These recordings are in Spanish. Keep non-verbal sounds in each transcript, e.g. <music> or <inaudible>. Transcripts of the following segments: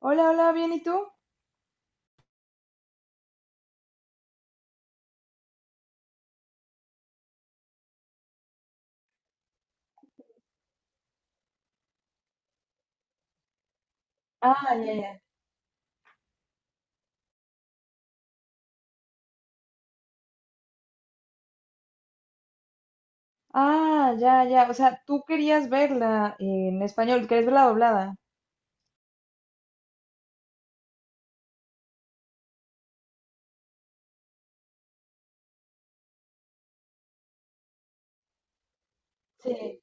Hola, hola, bien, ¿y tú? Ah, ya, ya. Ah, ya, ya, o sea, tú querías verla en español, querías verla doblada. Sí.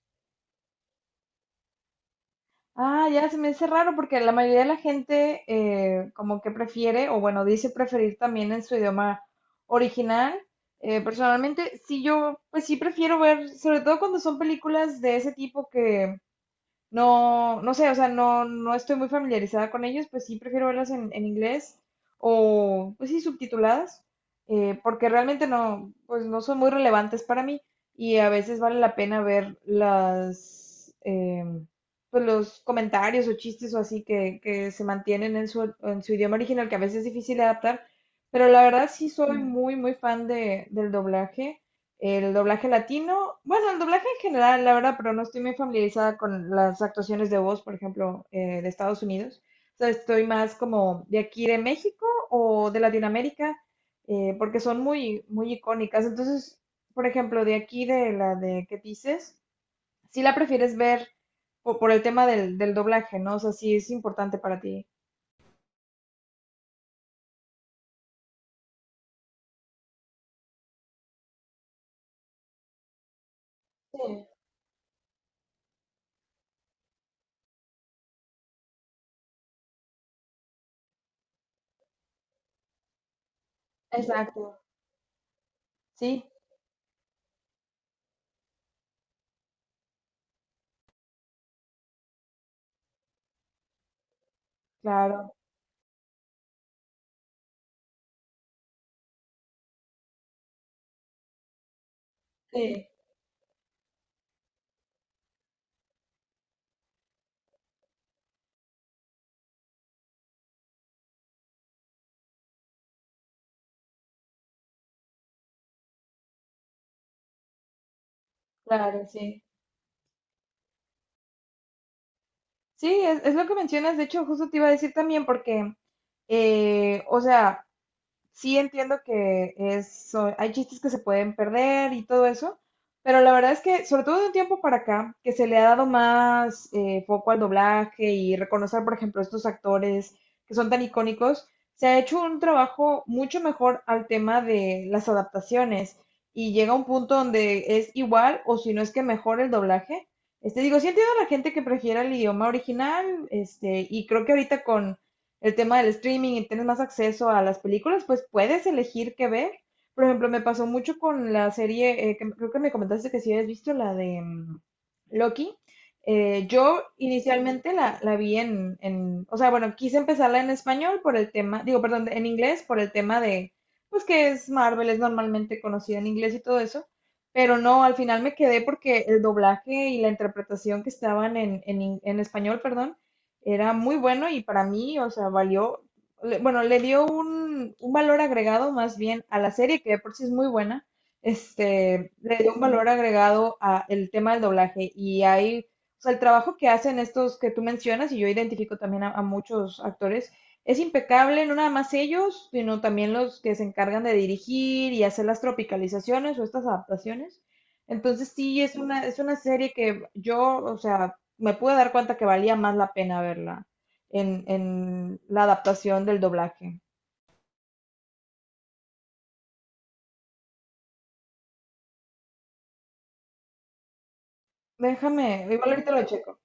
Ah, ya, se me hace raro porque la mayoría de la gente como que prefiere, o bueno, dice preferir también en su idioma original. Personalmente, sí, yo, pues sí prefiero ver, sobre todo cuando son películas de ese tipo que... No, no sé, o sea, no, no estoy muy familiarizada con ellos, pues sí prefiero verlas en inglés o, pues sí, subtituladas, porque realmente no, pues no son muy relevantes para mí y a veces vale la pena ver las, pues los comentarios o chistes o así que se mantienen en su idioma original, que a veces es difícil de adaptar, pero la verdad sí soy muy, muy fan de, del doblaje. El doblaje latino, bueno, el doblaje en general, la verdad, pero no estoy muy familiarizada con las actuaciones de voz, por ejemplo, de Estados Unidos. O sea, estoy más como de aquí de México o de Latinoamérica, porque son muy, muy icónicas. Entonces, por ejemplo, de aquí de la de qué dices, si la prefieres ver o por el tema del doblaje, ¿no? O sea, sí es importante para ti. Sí. Exacto. Sí, claro, sí. Claro, sí. Sí, es lo que mencionas. De hecho, justo te iba a decir también porque, o sea, sí entiendo que es, hay chistes que se pueden perder y todo eso, pero la verdad es que, sobre todo de un tiempo para acá, que se le ha dado más foco al doblaje y reconocer, por ejemplo, estos actores que son tan icónicos, se ha hecho un trabajo mucho mejor al tema de las adaptaciones y llega un punto donde es igual o si no es que mejor el doblaje. Este, digo, sí entiendo a la gente que prefiera el idioma original, este, y creo que ahorita con el tema del streaming y tienes más acceso a las películas, pues puedes elegir qué ver. Por ejemplo, me pasó mucho con la serie, que creo que me comentaste que si habías visto la de Loki. Yo inicialmente la vi o sea, bueno, quise empezarla en español por el tema, digo, perdón, en inglés por el tema de, pues que es Marvel, es normalmente conocida en inglés y todo eso, pero no, al final me quedé porque el doblaje y la interpretación que estaban en español, perdón, era muy bueno y para mí, o sea, valió, bueno, le dio un valor agregado más bien a la serie, que de por sí es muy buena, este, le dio un valor agregado a el tema del doblaje y hay, o sea, el trabajo que hacen estos que tú mencionas, y yo identifico también a muchos actores, es impecable, no nada más ellos, sino también los que se encargan de dirigir y hacer las tropicalizaciones o estas adaptaciones. Entonces sí, es una serie que yo, o sea, me pude dar cuenta que valía más la pena verla en la adaptación del doblaje. Déjame, igual ahorita lo checo.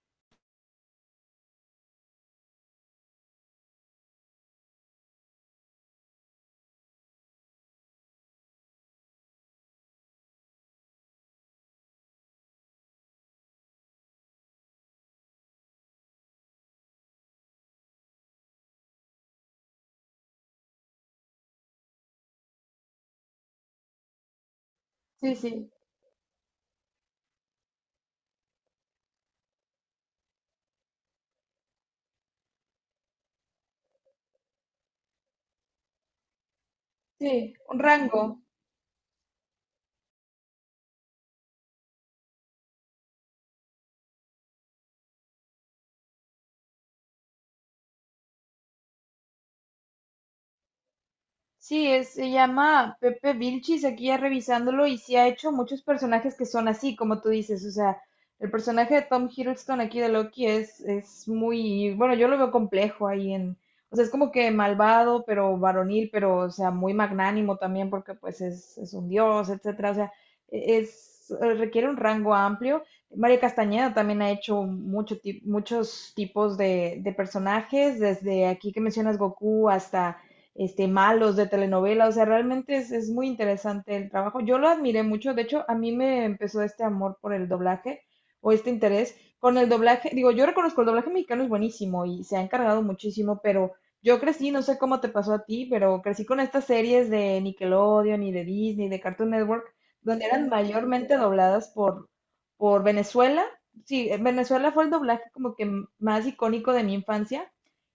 Sí, sí, sí, un rango. Sí, se llama Pepe Vilchis, aquí ya revisándolo, y sí ha hecho muchos personajes que son así, como tú dices, o sea, el personaje de Tom Hiddleston aquí de Loki es muy, bueno, yo lo veo complejo ahí en, o sea, es como que malvado, pero varonil, pero, o sea, muy magnánimo también, porque pues es un dios, etcétera, o sea, requiere un rango amplio. María Castañeda también ha hecho mucho, muchos tipos de personajes, desde aquí que mencionas Goku hasta este, malos de telenovela, o sea, realmente es muy interesante el trabajo. Yo lo admiré mucho, de hecho, a mí me empezó este amor por el doblaje o este interés con el doblaje. Digo, yo reconozco el doblaje mexicano es buenísimo y se ha encargado muchísimo, pero yo crecí, no sé cómo te pasó a ti, pero crecí con estas series de Nickelodeon y de Disney, de Cartoon Network, donde eran mayormente dobladas por Venezuela. Sí, en Venezuela fue el doblaje como que más icónico de mi infancia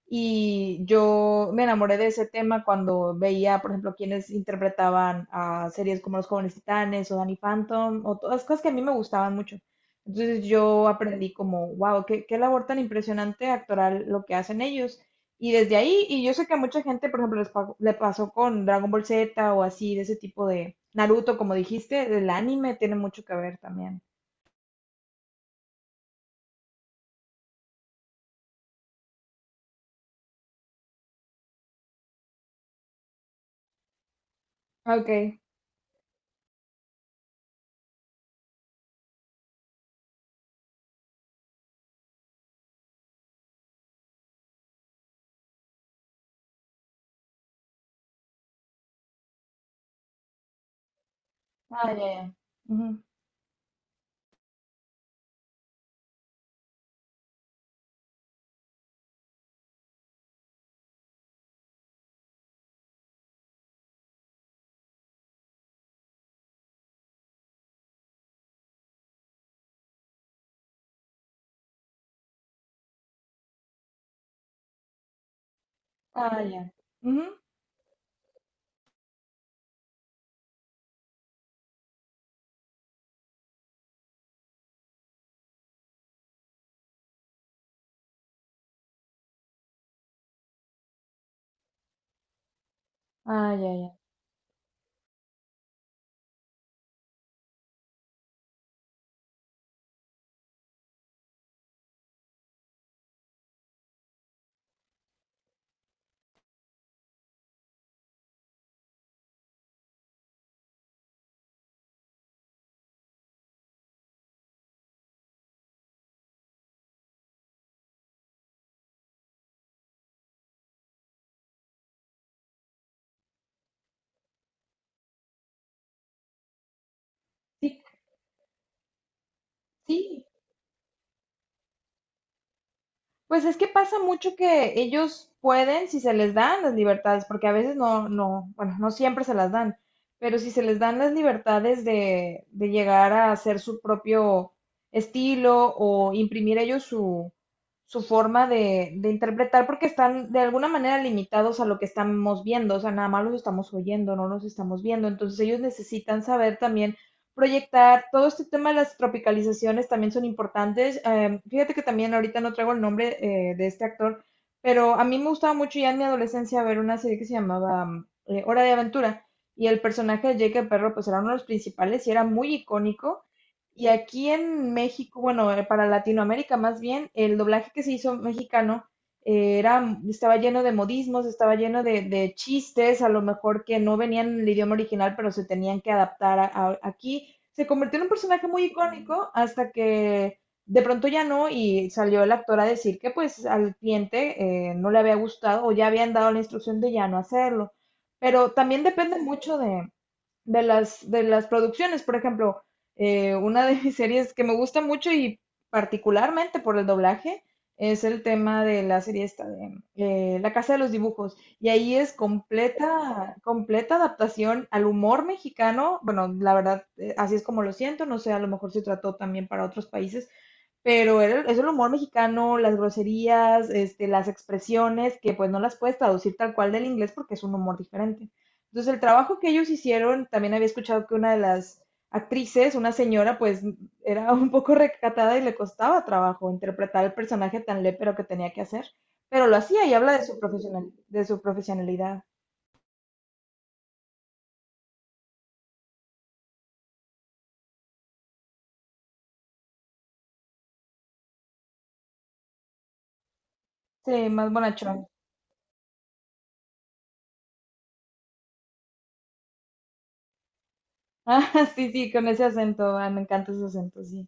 y yo me enamoré de ese tema cuando veía, por ejemplo, quienes interpretaban a series como Los Jóvenes Titanes o Danny Phantom o todas las cosas que a mí me gustaban mucho. Entonces yo aprendí como, wow, qué, qué labor tan impresionante actoral lo que hacen ellos. Y desde ahí, y yo sé que a mucha gente, por ejemplo, le pasó con Dragon Ball Z o así, de ese tipo de Naruto, como dijiste, el anime tiene mucho que ver también. Ok. Ah, ya, ya. Ujú. Ah, ya. Ujú. Ah, ya, ya. Sí, sí, pues es que pasa mucho que ellos pueden, si se les dan las libertades, porque a veces no, no, bueno, no siempre se las dan, pero si se les dan las libertades de llegar a hacer su propio estilo o imprimir ellos su, su forma de interpretar, porque están de alguna manera limitados a lo que estamos viendo, o sea, nada más los estamos oyendo, no los estamos viendo, entonces ellos necesitan saber también proyectar. Todo este tema de las tropicalizaciones también son importantes. Fíjate que también ahorita no traigo el nombre de este actor, pero a mí me gustaba mucho ya en mi adolescencia ver una serie que se llamaba Hora de Aventura y el personaje de Jake el Perro pues era uno de los principales y era muy icónico. Y aquí en México, bueno, para Latinoamérica más bien, el doblaje que se hizo mexicano era, estaba lleno de modismos, estaba lleno de chistes, a lo mejor que no venían en el idioma original, pero se tenían que adaptar aquí. Se convirtió en un personaje muy icónico hasta que de pronto ya no y salió el actor a decir que pues al cliente no le había gustado o ya habían dado la instrucción de ya no hacerlo. Pero también depende mucho de las, de las producciones. Por ejemplo, una de mis series que me gusta mucho y particularmente por el doblaje es el tema de la serie esta de La Casa de los Dibujos. Y ahí es completa, completa adaptación al humor mexicano. Bueno, la verdad, así es como lo siento. No sé, a lo mejor se trató también para otros países, pero es el humor mexicano, las groserías, este, las expresiones, que pues no las puedes traducir tal cual del inglés porque es un humor diferente. Entonces el trabajo que ellos hicieron, también había escuchado que una de las actrices, una señora, pues era un poco recatada y le costaba trabajo interpretar el personaje tan lépero que tenía que hacer, pero lo hacía y habla de su profesional, de su profesionalidad. Sí, más bonachón. <laughs> Ah, sí, sí, con ese acento, ah, me encanta ese acento, sí.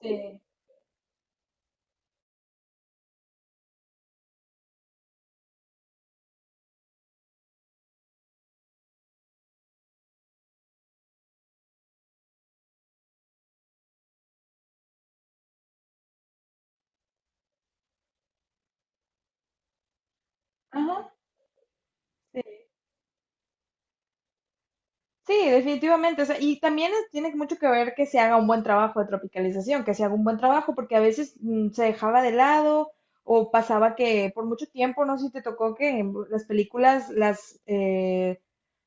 Sí. Ajá. Sí, definitivamente. O sea, y también tiene mucho que ver que se haga un buen trabajo de tropicalización, que se haga un buen trabajo, porque a veces se dejaba de lado o pasaba que por mucho tiempo, no sé si te tocó que en las películas,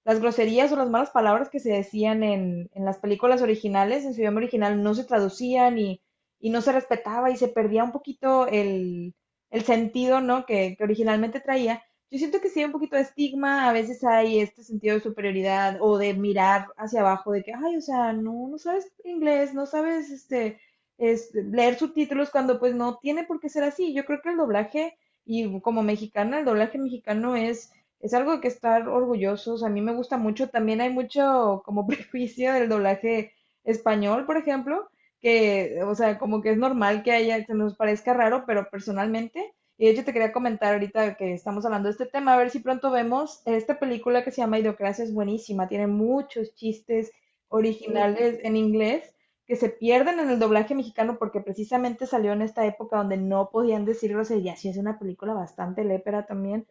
las groserías o las malas palabras que se decían en las películas originales, en su idioma original, no se traducían y no se respetaba y se perdía un poquito el sentido, ¿no? Que originalmente traía. Yo siento que sí hay un poquito de estigma, a veces hay este sentido de superioridad o de mirar hacia abajo, de que, ay, o sea, no, no sabes inglés, no sabes leer subtítulos cuando pues no tiene por qué ser así. Yo creo que el doblaje, y como mexicana, el doblaje mexicano es algo de que estar orgullosos. A mí me gusta mucho, también hay mucho como <laughs> prejuicio del doblaje español, por ejemplo, que, o sea, como que es normal que haya, se nos parezca raro, pero personalmente y de hecho te quería comentar ahorita que estamos hablando de este tema, a ver si pronto vemos esta película que se llama Idiocracia, es buenísima, tiene muchos chistes originales en inglés que se pierden en el doblaje mexicano porque precisamente salió en esta época donde no podían decir groserías y es una película bastante lépera también.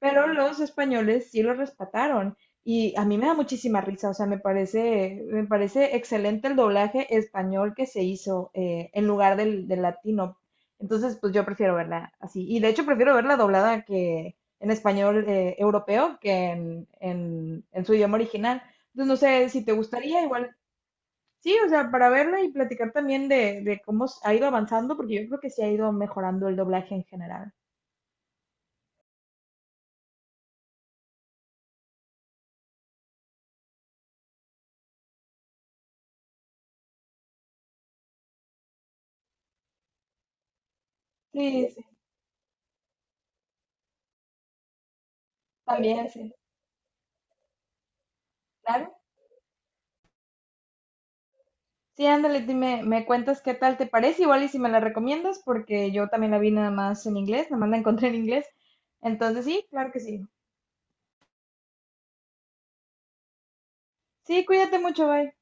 Pero los españoles sí lo respetaron. Y a mí me da muchísima risa, o sea, me parece excelente el doblaje español que se hizo en lugar del, del latino. Entonces, pues yo prefiero verla así. Y de hecho prefiero verla doblada que en español europeo que en su idioma original. Entonces, no sé si te gustaría, igual, sí, o sea, para verla y platicar también de cómo ha ido avanzando, porque yo creo que sí ha ido mejorando el doblaje en general. Sí, sí, también, sí, claro. Sí, ándale, dime, me cuentas qué tal te parece, igual y si me la recomiendas, porque yo también la vi nada más en inglés, nada más la encontré en inglés. Entonces, sí, claro que sí. Sí, cuídate mucho, bye.